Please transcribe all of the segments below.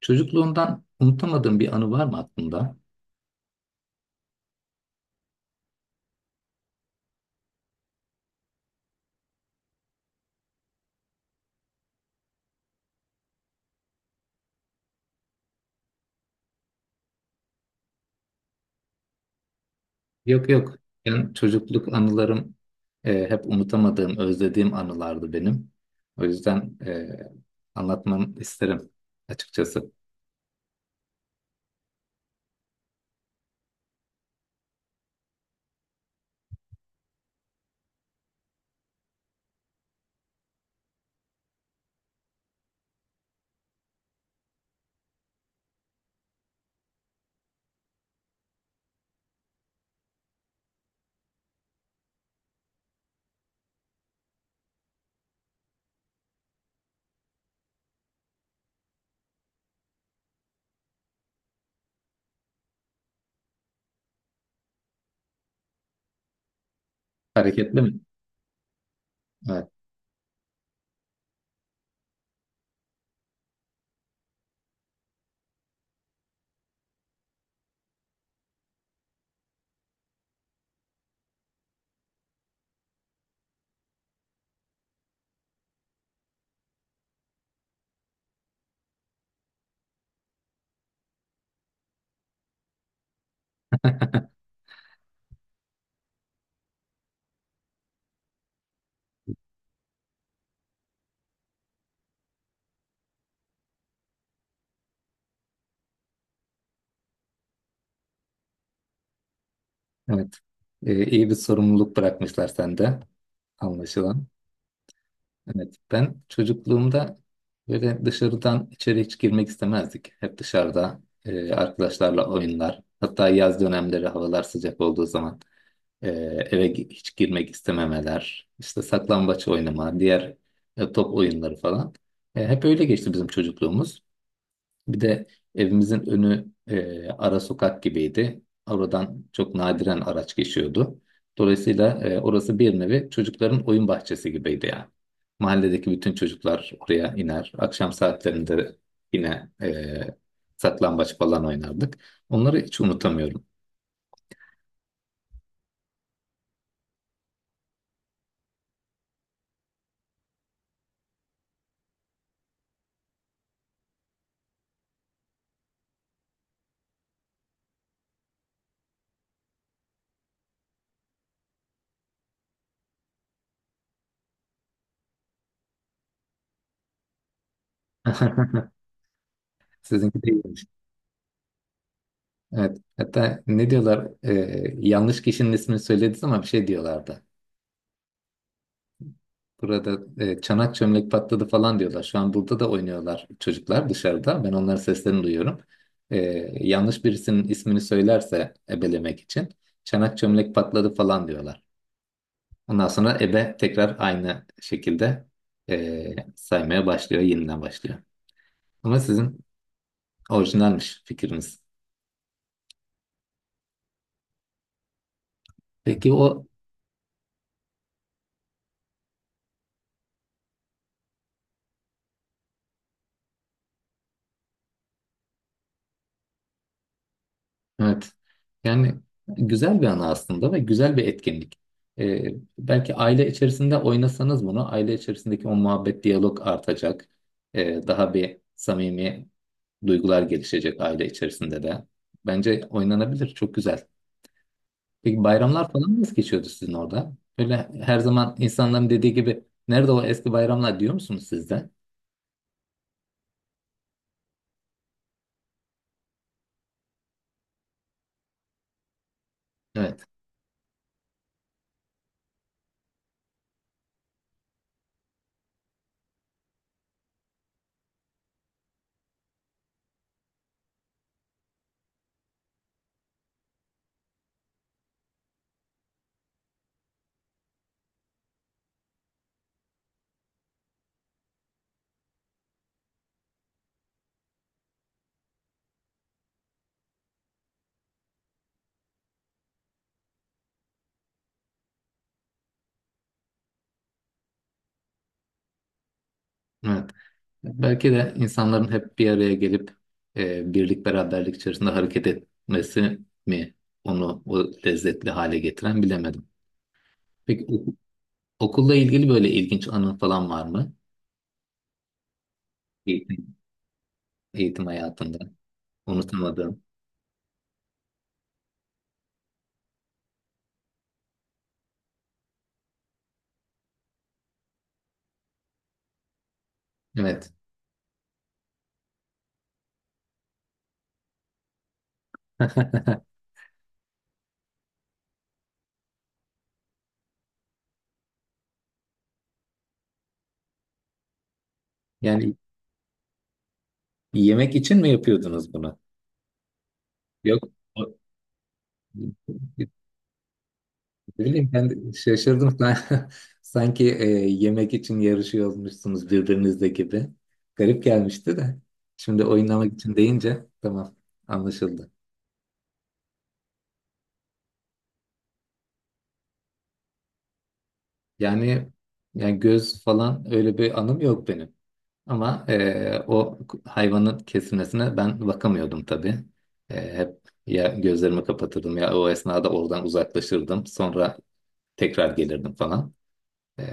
Çocukluğundan unutamadığın bir anı var mı aklında? Yok yok. Yani çocukluk anılarım hep unutamadığım, özlediğim anılardı benim. O yüzden anlatmamı isterim açıkçası. Hareketli mi? Evet. Evet. İyi bir sorumluluk bırakmışlar sende anlaşılan. Evet. Ben çocukluğumda böyle dışarıdan içeri hiç girmek istemezdik. Hep dışarıda arkadaşlarla oyunlar. Hatta yaz dönemleri havalar sıcak olduğu zaman. Ee, Hiç girmek istememeler, işte saklambaç oynama, diğer top oyunları falan. Hep öyle geçti bizim çocukluğumuz. Bir de evimizin önü ara sokak gibiydi. Oradan çok nadiren araç geçiyordu. Dolayısıyla orası bir nevi çocukların oyun bahçesi gibiydi yani. Mahalledeki bütün çocuklar oraya iner. Akşam saatlerinde yine saklambaç falan oynardık. Onları hiç unutamıyorum. Sizinki değil. Evet. Hatta ne diyorlar? Yanlış kişinin ismini söylediniz ama bir şey diyorlardı. Burada çanak çömlek patladı falan diyorlar. Şu an burada da oynuyorlar çocuklar dışarıda. Ben onların seslerini duyuyorum. Ee, Yanlış birisinin ismini söylerse ebelemek için çanak çömlek patladı falan diyorlar. Ondan sonra ebe tekrar aynı şekilde saymaya başlıyor, yeniden başlıyor. Ama sizin orijinalmiş fikriniz. Peki o. Evet. Yani güzel bir ana aslında ve güzel bir etkinlik. Ee, Belki aile içerisinde oynasanız bunu, aile içerisindeki o muhabbet, diyalog artacak. Daha bir samimi duygular gelişecek aile içerisinde de. Bence oynanabilir, çok güzel. Peki bayramlar falan nasıl geçiyordu sizin orada? Böyle her zaman insanların dediği gibi, nerede o eski bayramlar diyor musunuz siz de? Evet, evet. Belki de insanların hep bir araya gelip birlik beraberlik içerisinde hareket etmesi mi onu o lezzetli hale getiren bilemedim. Peki oku- Okulla ilgili böyle ilginç anın falan var mı? Eğitim, eğitim hayatında unutamadığım. Evet. Yani yemek için mi yapıyordunuz bunu? Yok. o- Ne bileyim ben de şaşırdım. Ben. Sanki yemek için yarışıyor olmuşsunuz birbirinizle gibi. Garip gelmişti de. Şimdi oynamak için deyince tamam, anlaşıldı. Yani göz falan öyle bir anım yok benim. Ama o hayvanın kesilmesine ben bakamıyordum tabii. Hep ya gözlerimi kapatırdım ya o esnada oradan uzaklaşırdım. Sonra tekrar gelirdim falan. E,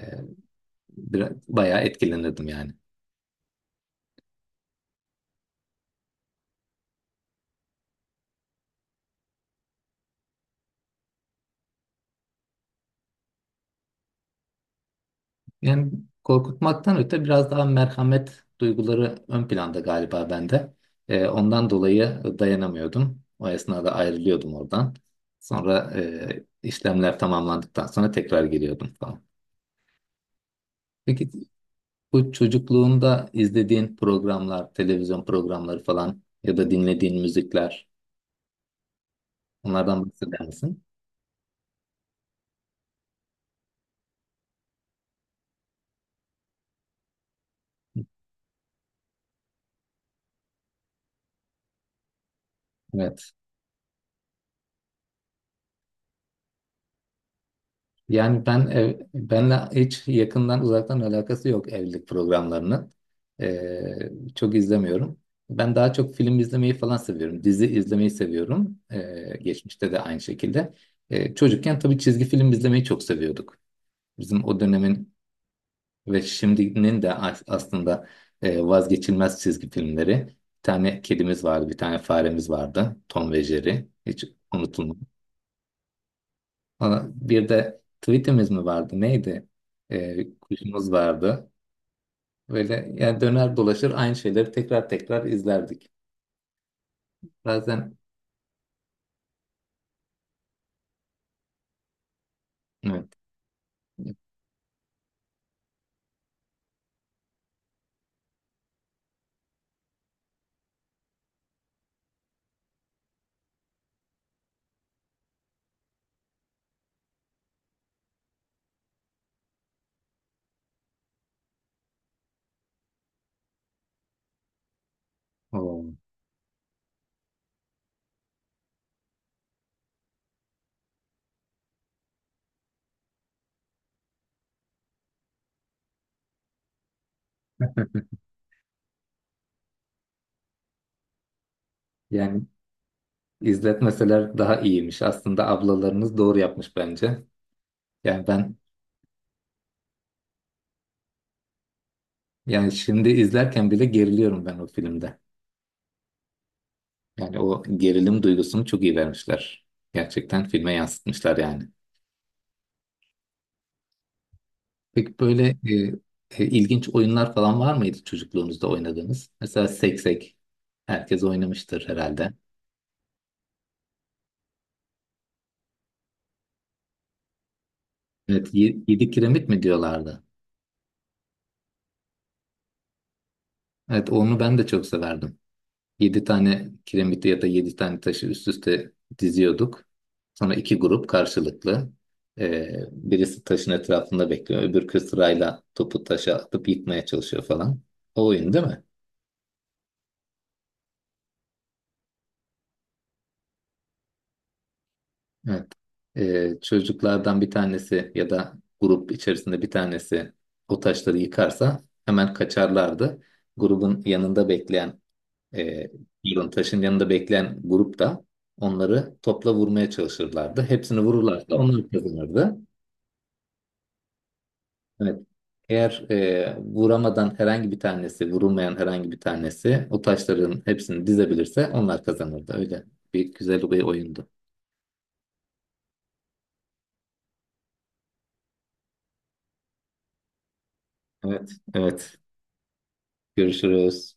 Biraz, bayağı etkilenirdim yani. Yani korkutmaktan öte biraz daha merhamet duyguları ön planda galiba bende. Ondan dolayı dayanamıyordum. O esnada ayrılıyordum oradan. Sonra işlemler tamamlandıktan sonra tekrar giriyordum falan. Peki bu çocukluğunda izlediğin programlar, televizyon programları falan ya da dinlediğin müzikler, onlardan bahseder misin? Evet. Benle hiç yakından uzaktan alakası yok evlilik programlarının. Çok izlemiyorum. Ben daha çok film izlemeyi falan seviyorum. Dizi izlemeyi seviyorum. Geçmişte de aynı şekilde. Çocukken tabii çizgi film izlemeyi çok seviyorduk. Bizim o dönemin ve şimdinin de aslında vazgeçilmez çizgi filmleri. Bir tane kedimiz vardı, bir tane faremiz vardı. Tom ve Jerry. Hiç unutulmaz. Sonra bir de tweetimiz mi vardı? Neydi? Kuşumuz vardı. Böyle yani döner dolaşır aynı şeyleri tekrar tekrar izlerdik. Bazen evet. Oo. Yani izletmeseler daha iyiymiş. Aslında ablalarınız doğru yapmış bence. Yani ben, yani şimdi izlerken bile geriliyorum ben o filmde. Yani o gerilim duygusunu çok iyi vermişler. Gerçekten filme yansıtmışlar yani. Peki böyle ilginç oyunlar falan var mıydı çocukluğunuzda oynadığınız? Mesela seksek. Herkes oynamıştır herhalde. Evet, yedi kiremit mi diyorlardı? Evet, onu ben de çok severdim. Yedi tane kiremiti ya da yedi tane taşı üst üste diziyorduk. Sonra iki grup karşılıklı. Birisi taşın etrafında bekliyor. Öbürkü sırayla topu taşa atıp yıkmaya çalışıyor falan. O oyun değil mi? Evet. Çocuklardan bir tanesi ya da grup içerisinde bir tanesi o taşları yıkarsa hemen kaçarlardı. Grubun yanında bekleyen, e, pardon, taşın yanında bekleyen grup da onları topla vurmaya çalışırlardı. Hepsini vururlarsa onlar kazanırdı. Evet. Eğer vuramadan herhangi bir tanesi, vurulmayan herhangi bir tanesi o taşların hepsini dizebilirse onlar kazanırdı. Öyle bir güzel bir oyundu. Evet, evet. Görüşürüz.